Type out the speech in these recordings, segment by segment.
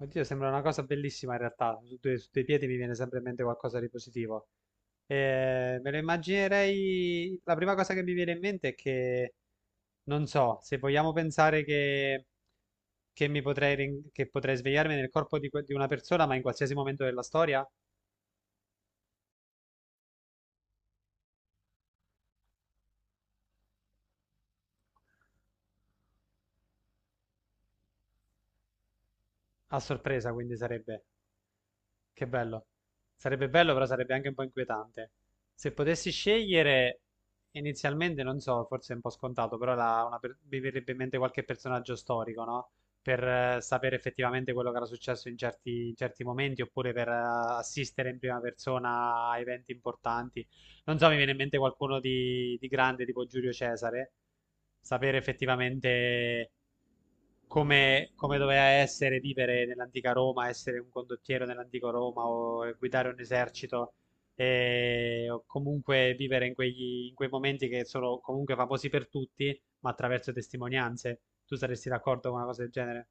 Oddio, sembra una cosa bellissima in realtà. Su due piedi mi viene sempre in mente qualcosa di positivo. Me lo immaginerei. La prima cosa che mi viene in mente è che. Non so se vogliamo pensare che mi potrei, che potrei svegliarmi nel corpo di, di una persona, ma in qualsiasi momento della storia, a sorpresa, quindi sarebbe. Che bello. Sarebbe bello, però sarebbe anche un po' inquietante. Se potessi scegliere, inizialmente, non so, forse è un po' scontato, però mi verrebbe in mente qualche personaggio storico, no? Per sapere effettivamente quello che era successo in certi momenti, oppure per assistere in prima persona a eventi importanti. Non so, mi viene in mente qualcuno di grande, tipo Giulio Cesare, sapere effettivamente come doveva essere vivere nell'antica Roma, essere un condottiero nell'antico Roma o guidare un esercito, o comunque vivere in in quei momenti che sono comunque famosi per tutti, ma attraverso testimonianze. Tu saresti d'accordo con una cosa del genere?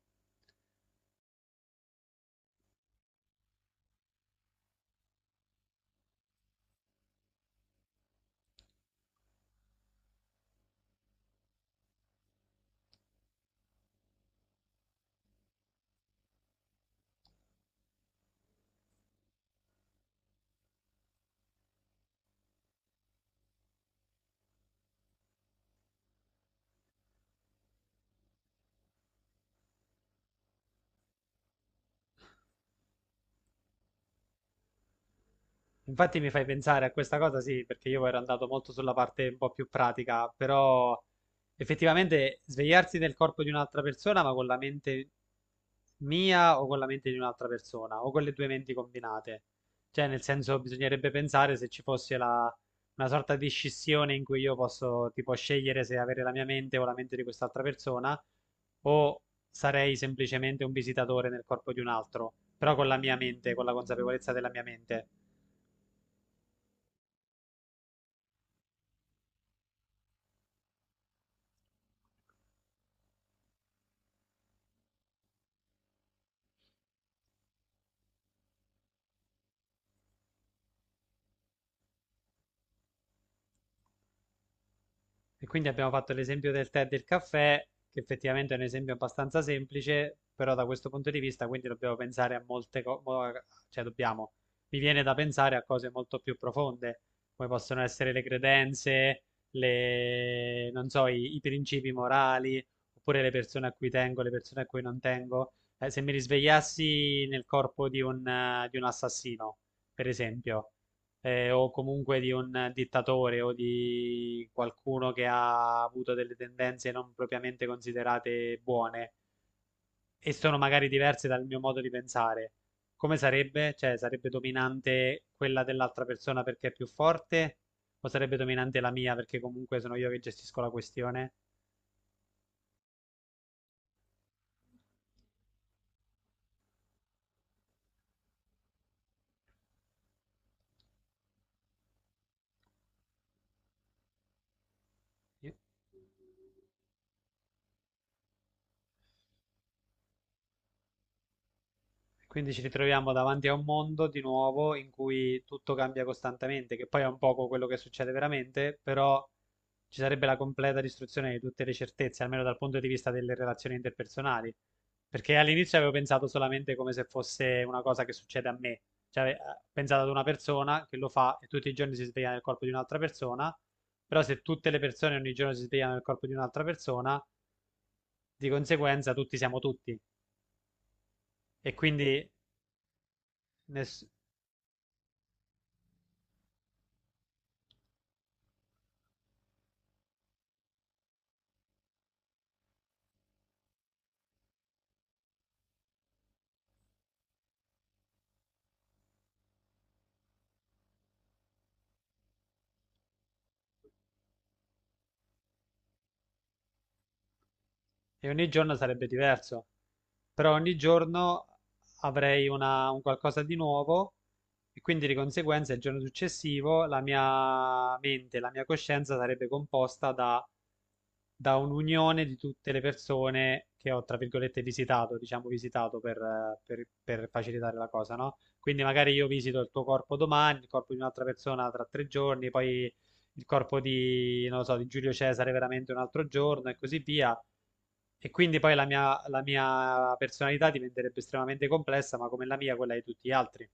Infatti mi fai pensare a questa cosa, sì, perché io ero andato molto sulla parte un po' più pratica, però effettivamente svegliarsi nel corpo di un'altra persona, ma con la mente mia o con la mente di un'altra persona, o con le due menti combinate. Cioè, nel senso, bisognerebbe pensare se ci fosse una sorta di scissione in cui io posso, tipo, scegliere se avere la mia mente o la mente di quest'altra persona, o sarei semplicemente un visitatore nel corpo di un altro, però con la mia mente, con la consapevolezza della mia mente. E quindi abbiamo fatto l'esempio del tè e del caffè, che effettivamente è un esempio abbastanza semplice, però da questo punto di vista quindi dobbiamo pensare a molte cose, cioè dobbiamo, mi viene da pensare a cose molto più profonde, come possono essere le credenze, le, non so, i principi morali, oppure le persone a cui tengo, le persone a cui non tengo. Se mi risvegliassi nel corpo di un assassino, per esempio, o comunque di un dittatore o di qualcuno che ha avuto delle tendenze non propriamente considerate buone e sono magari diverse dal mio modo di pensare. Come sarebbe? Cioè, sarebbe dominante quella dell'altra persona perché è più forte o sarebbe dominante la mia perché comunque sono io che gestisco la questione? Quindi ci ritroviamo davanti a un mondo di nuovo in cui tutto cambia costantemente, che poi è un poco quello che succede veramente, però ci sarebbe la completa distruzione di tutte le certezze, almeno dal punto di vista delle relazioni interpersonali. Perché all'inizio avevo pensato solamente come se fosse una cosa che succede a me, cioè pensato ad una persona che lo fa e tutti i giorni si sveglia nel corpo di un'altra persona, però se tutte le persone ogni giorno si svegliano nel corpo di un'altra persona, di conseguenza tutti siamo tutti e quindi ness- e ogni giorno sarebbe diverso, però ogni giorno avrei un qualcosa di nuovo e quindi di conseguenza il giorno successivo la mia mente, la mia coscienza sarebbe composta da un'unione di tutte le persone che ho, tra virgolette, visitato, diciamo visitato per, per facilitare la cosa, no? Quindi magari io visito il tuo corpo domani, il corpo di un'altra persona tra tre giorni, poi il corpo di, non lo so, di Giulio Cesare veramente un altro giorno e così via. E quindi poi la mia personalità diventerebbe estremamente complessa, ma come la mia, quella di tutti gli altri.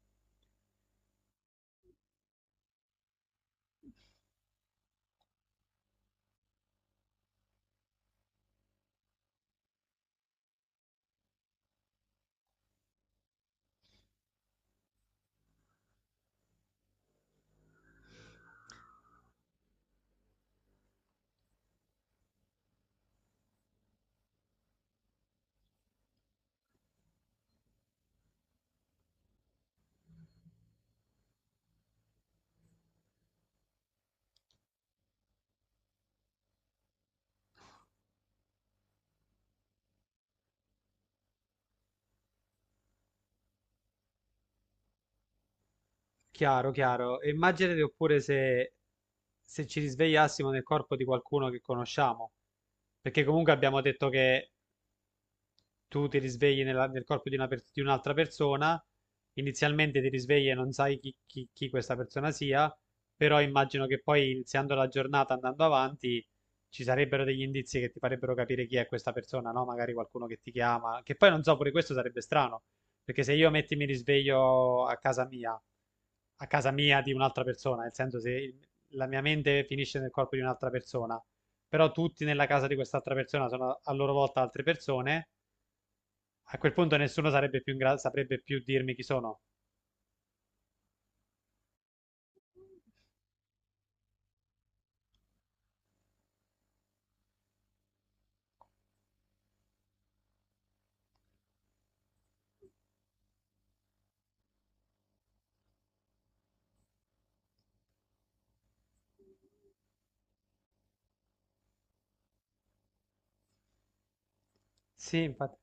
Chiaro, chiaro. E immaginate oppure se, se ci risvegliassimo nel corpo di qualcuno che conosciamo, perché comunque abbiamo detto che tu ti risvegli nel corpo di, di un'altra persona, inizialmente ti risvegli e non sai chi, chi questa persona sia, però immagino che poi iniziando la giornata, andando avanti, ci sarebbero degli indizi che ti farebbero capire chi è questa persona, no? Magari qualcuno che ti chiama, che poi non so, pure questo sarebbe strano, perché se io metti mi risveglio a casa mia di un'altra persona, nel senso se la mia mente finisce nel corpo di un'altra persona, però tutti nella casa di quest'altra persona sono a loro volta altre persone, a quel punto nessuno sarebbe più saprebbe più dirmi chi sono. Sì, infatti.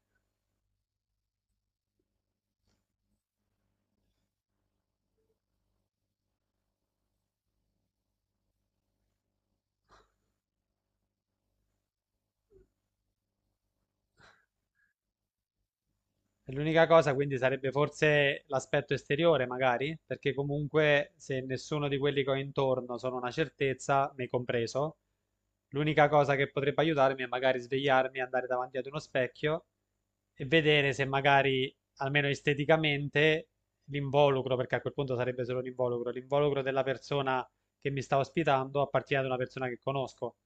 È l'unica cosa quindi sarebbe forse l'aspetto esteriore, magari, perché comunque se nessuno di quelli che ho intorno sono una certezza, me compreso, l'unica cosa che potrebbe aiutarmi è magari svegliarmi, andare davanti ad uno specchio e vedere se magari, almeno esteticamente, l'involucro, perché a quel punto sarebbe solo l'involucro, l'involucro della persona che mi sta ospitando appartiene ad una persona che conosco.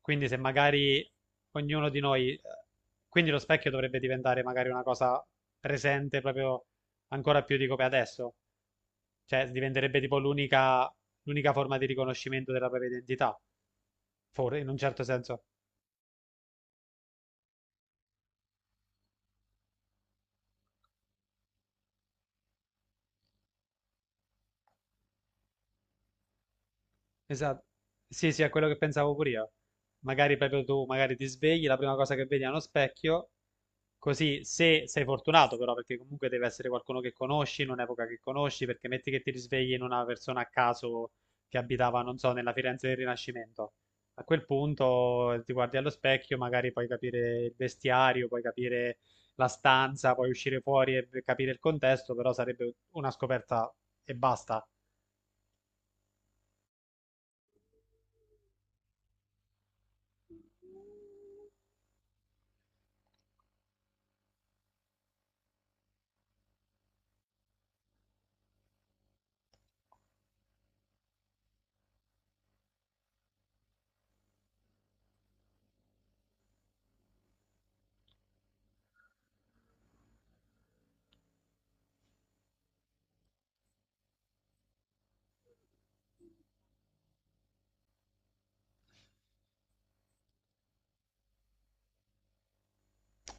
Quindi se magari ognuno di noi, quindi lo specchio dovrebbe diventare magari una cosa presente proprio ancora più di come è adesso. Cioè, diventerebbe tipo l'unica forma di riconoscimento della propria identità. In un certo senso. Esatto. Sì, sì, è quello che pensavo pure io. Magari proprio tu, magari ti svegli, la prima cosa che vedi è uno specchio, così se sei fortunato però, perché comunque deve essere qualcuno che conosci, in un'epoca che conosci, perché metti che ti risvegli in una persona a caso che abitava, non so, nella Firenze del Rinascimento. A quel punto ti guardi allo specchio, magari puoi capire il vestiario, puoi capire la stanza, puoi uscire fuori e capire il contesto, però sarebbe una scoperta e basta.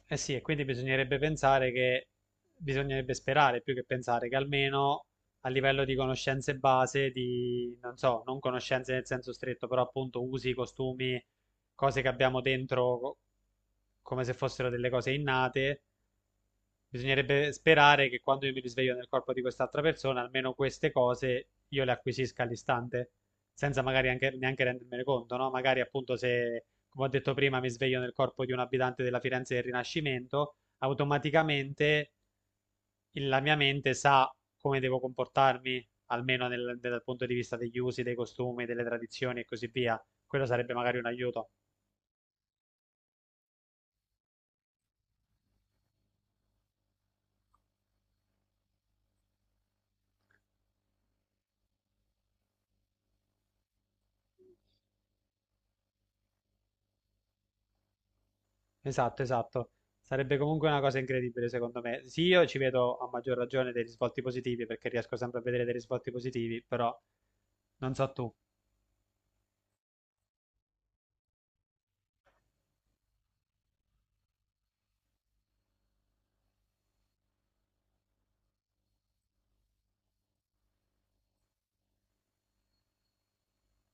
Eh sì, e quindi bisognerebbe pensare che, bisognerebbe sperare più che pensare che almeno a livello di conoscenze base, di, non so, non conoscenze nel senso stretto, però appunto usi, costumi, cose che abbiamo dentro come se fossero delle cose innate, bisognerebbe sperare che quando io mi risveglio nel corpo di quest'altra persona, almeno queste cose io le acquisisca all'istante, senza magari anche, neanche rendermene conto, no? Magari appunto se, come ho detto prima, mi sveglio nel corpo di un abitante della Firenze del Rinascimento, automaticamente la mia mente sa come devo comportarmi, almeno dal punto di vista degli usi, dei costumi, delle tradizioni e così via. Quello sarebbe magari un aiuto. Esatto, esatto. Sarebbe comunque una cosa incredibile, secondo me. Sì, io ci vedo a maggior ragione dei risvolti positivi perché riesco sempre a vedere dei risvolti positivi, però non so tu.